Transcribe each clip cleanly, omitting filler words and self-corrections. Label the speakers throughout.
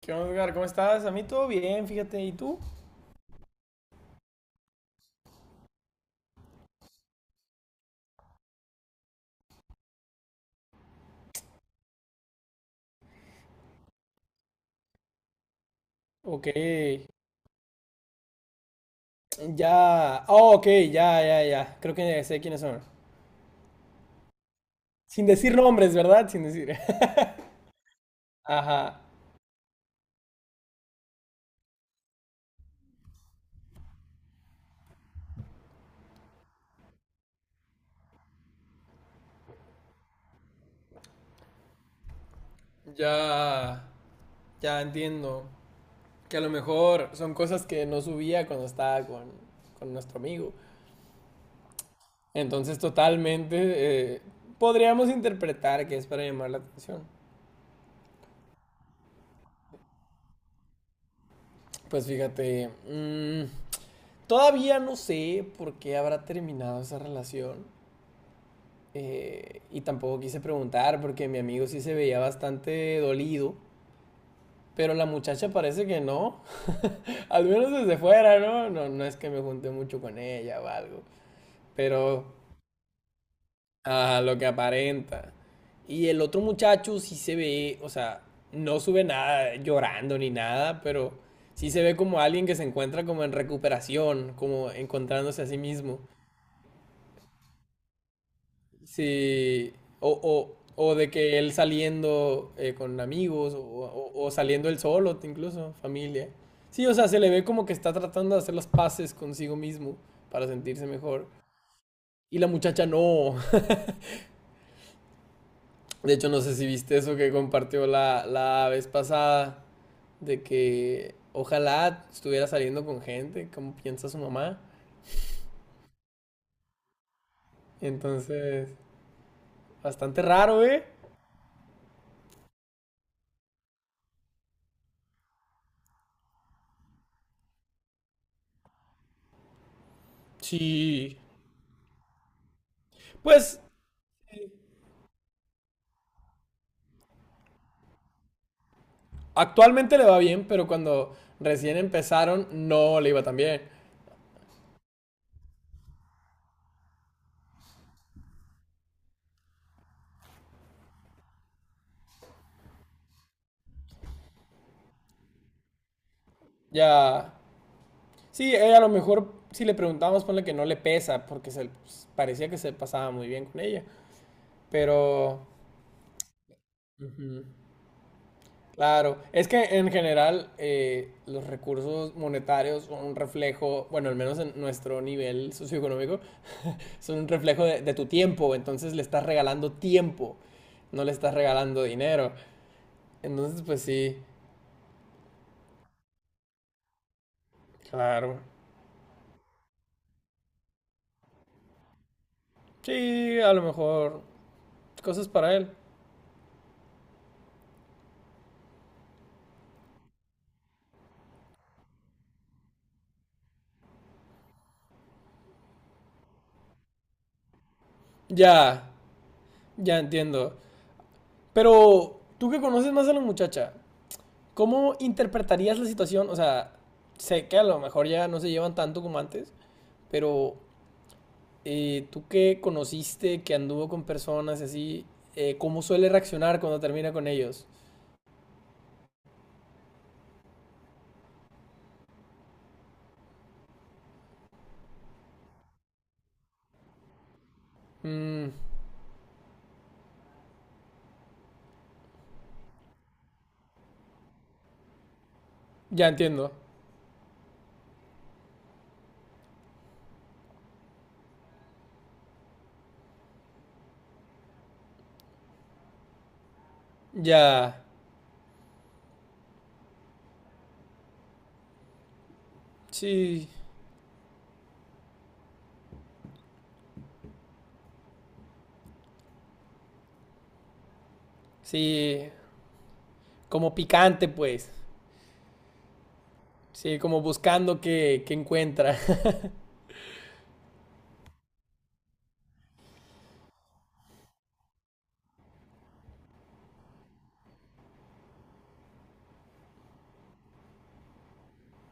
Speaker 1: ¿Qué onda, Edgar? ¿Cómo estás? A mí todo bien, fíjate. ¿Y tú? Ok. Ya. Oh, ok, ya, ya, ya. Creo que sé quiénes son. Sin decir nombres, ¿verdad? Sin decir. Ajá. Ya. Ya entiendo. Que a lo mejor son cosas que no subía cuando estaba con nuestro amigo. Entonces, totalmente podríamos interpretar que es para llamar la atención. Pues fíjate. Todavía no sé por qué habrá terminado esa relación. Y tampoco quise preguntar porque mi amigo sí se veía bastante dolido, pero la muchacha parece que no, al menos desde fuera, ¿no? No, no es que me junté mucho con ella o algo, pero a lo que aparenta. Y el otro muchacho sí se ve, o sea, no sube nada llorando ni nada, pero sí se ve como alguien que se encuentra como en recuperación, como encontrándose a sí mismo. Sí, o, o, o de que él saliendo con amigos o saliendo él solo, incluso familia. Sí, o sea, se le ve como que está tratando de hacer las paces consigo mismo para sentirse mejor. Y la muchacha no. De hecho, no sé si viste eso que compartió la vez pasada, de que ojalá estuviera saliendo con gente, como piensa su mamá. Entonces, bastante raro, ¿eh? Sí. Pues actualmente le va bien, pero cuando recién empezaron no le iba tan bien. Ya. Sí, ella a lo mejor, si le preguntamos, ponle que no le pesa, porque se, pues, parecía que se pasaba muy bien con ella. Pero, claro, es que en general los recursos monetarios son un reflejo, bueno, al menos en nuestro nivel socioeconómico, son un reflejo de tu tiempo. Entonces le estás regalando tiempo, no le estás regalando dinero. Entonces, pues sí, claro. Sí, a lo mejor cosas para él. Ya, ya entiendo. Pero tú que conoces más a la muchacha, ¿cómo interpretarías la situación? O sea, sé que a lo mejor ya no se llevan tanto como antes, pero tú que conociste, que anduvo con personas y así, ¿cómo suele reaccionar cuando termina con ellos? Mm, ya entiendo. Ya. Sí. Sí. Como picante, pues. Sí, como buscando que encuentra.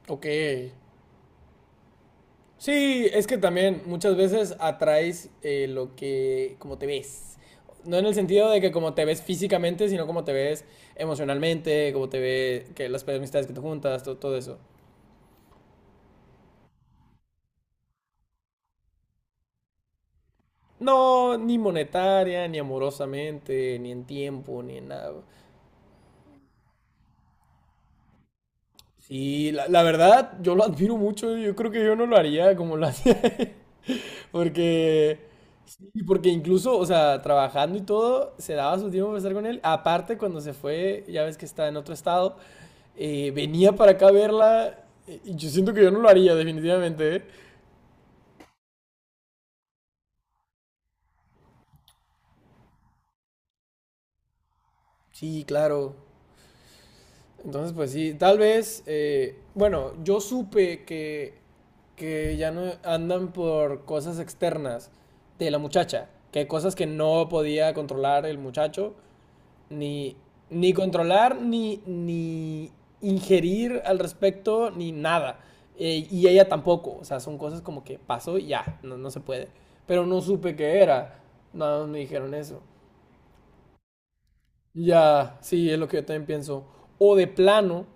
Speaker 1: Ok. Sí, es que también muchas veces atraes lo que, como te ves. No en el sentido de que como te ves físicamente, sino como te ves emocionalmente, como te ves, que las amistades que te juntas, todo, eso. No, ni monetaria, ni amorosamente, ni en tiempo, ni en nada. Sí, la verdad, yo lo admiro mucho. Yo creo que yo no lo haría como lo hacía él. Porque, sí, porque incluso, o sea, trabajando y todo, se daba su tiempo para estar con él. Aparte, cuando se fue, ya ves que está en otro estado, venía para acá a verla. Y yo siento que yo no lo haría, definitivamente, ¿eh? Sí, claro. Entonces, pues sí, tal vez, bueno, yo supe que ya no andan por cosas externas de la muchacha, que hay cosas que no podía controlar el muchacho, ni, ni controlar, ni ingerir al respecto, ni nada. Y ella tampoco, o sea, son cosas como que pasó y ya, no, no se puede. Pero no supe qué era, nada más me dijeron eso. Ya, sí, es lo que yo también pienso. O de plano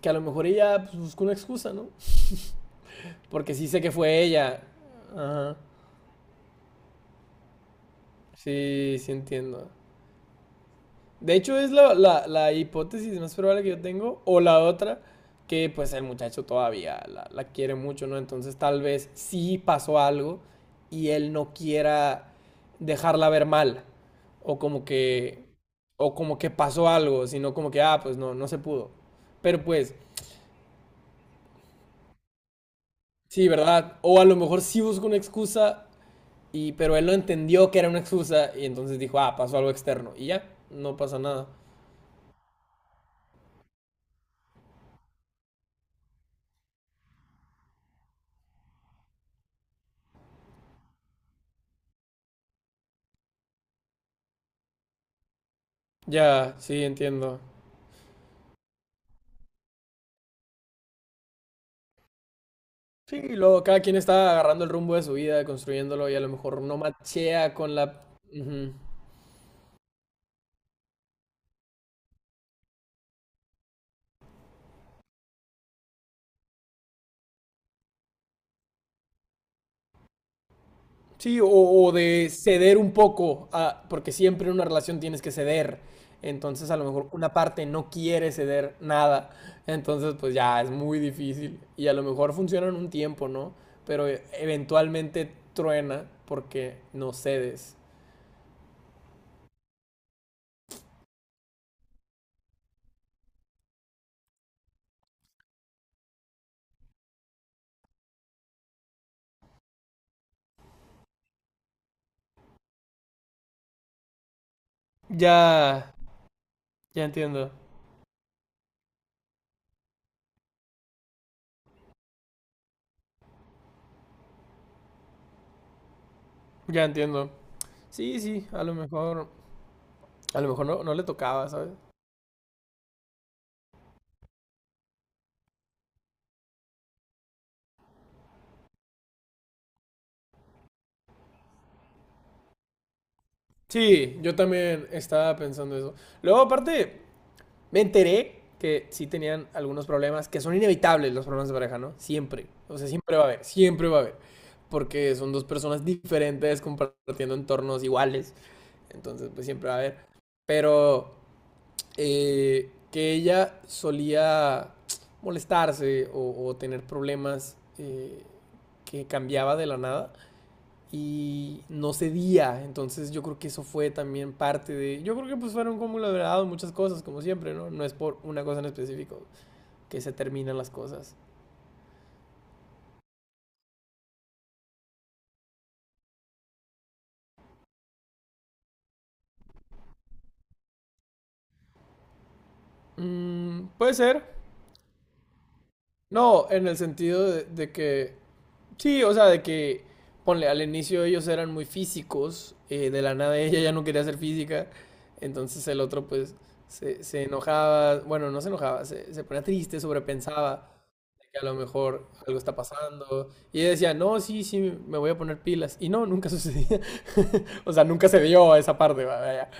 Speaker 1: que a lo mejor ella pues, buscó una excusa, ¿no? Porque sí sé que fue ella. Ajá. Sí, sí entiendo. De hecho, es la hipótesis más probable que yo tengo. O la otra, que pues el muchacho todavía la quiere mucho, ¿no? Entonces tal vez sí pasó algo y él no quiera dejarla ver mal. O como que. O como que pasó algo, sino como que, ah, pues no, no se pudo. Pero pues, sí, ¿verdad? O a lo mejor sí busco una excusa y, pero él no entendió que era una excusa y entonces dijo, ah, pasó algo externo. Y ya, no pasa nada. Ya, sí, entiendo. Sí, luego cada quien está agarrando el rumbo de su vida, construyéndolo y a lo mejor no machea con la... Ujú. Sí, o de ceder un poco, porque siempre en una relación tienes que ceder. Entonces a lo mejor una parte no quiere ceder nada. Entonces pues ya es muy difícil. Y a lo mejor funcionan un tiempo, ¿no? Pero eventualmente truena porque no cedes. Ya, ya entiendo, ya entiendo. Sí, sí, a lo mejor no, no le tocaba, ¿sabes? Sí, yo también estaba pensando eso. Luego, aparte, me enteré que sí tenían algunos problemas, que son inevitables los problemas de pareja, ¿no? Siempre. O sea, siempre va a haber, siempre va a haber. Porque son dos personas diferentes compartiendo entornos iguales. Entonces, pues siempre va a haber. Pero que ella solía molestarse o tener problemas que cambiaba de la nada y no cedía. Entonces yo creo que eso fue también parte de... Yo creo que pues fueron como de muchas cosas, como siempre, ¿no? No es por una cosa en específico que se terminan las cosas. Mm, puede ser. No, en el sentido de que sí, o sea, de que, ponle, al inicio ellos eran muy físicos, de la nada ella ya no quería hacer física, entonces el otro pues se enojaba, bueno, no se enojaba, se ponía triste, sobrepensaba que a lo mejor algo está pasando, y ella decía, no, sí, sí, me voy a poner pilas, y no, nunca sucedía, o sea, nunca se dio a esa parte, vaya,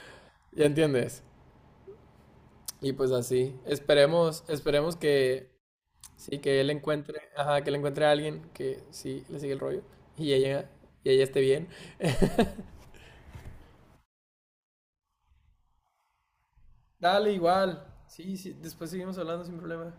Speaker 1: ya entiendes, y pues así, esperemos, esperemos que sí, que él encuentre, ajá, que él encuentre a alguien que sí le sigue el rollo y ella, y ella esté bien. Dale, igual. Sí, sí, después seguimos hablando sin problema.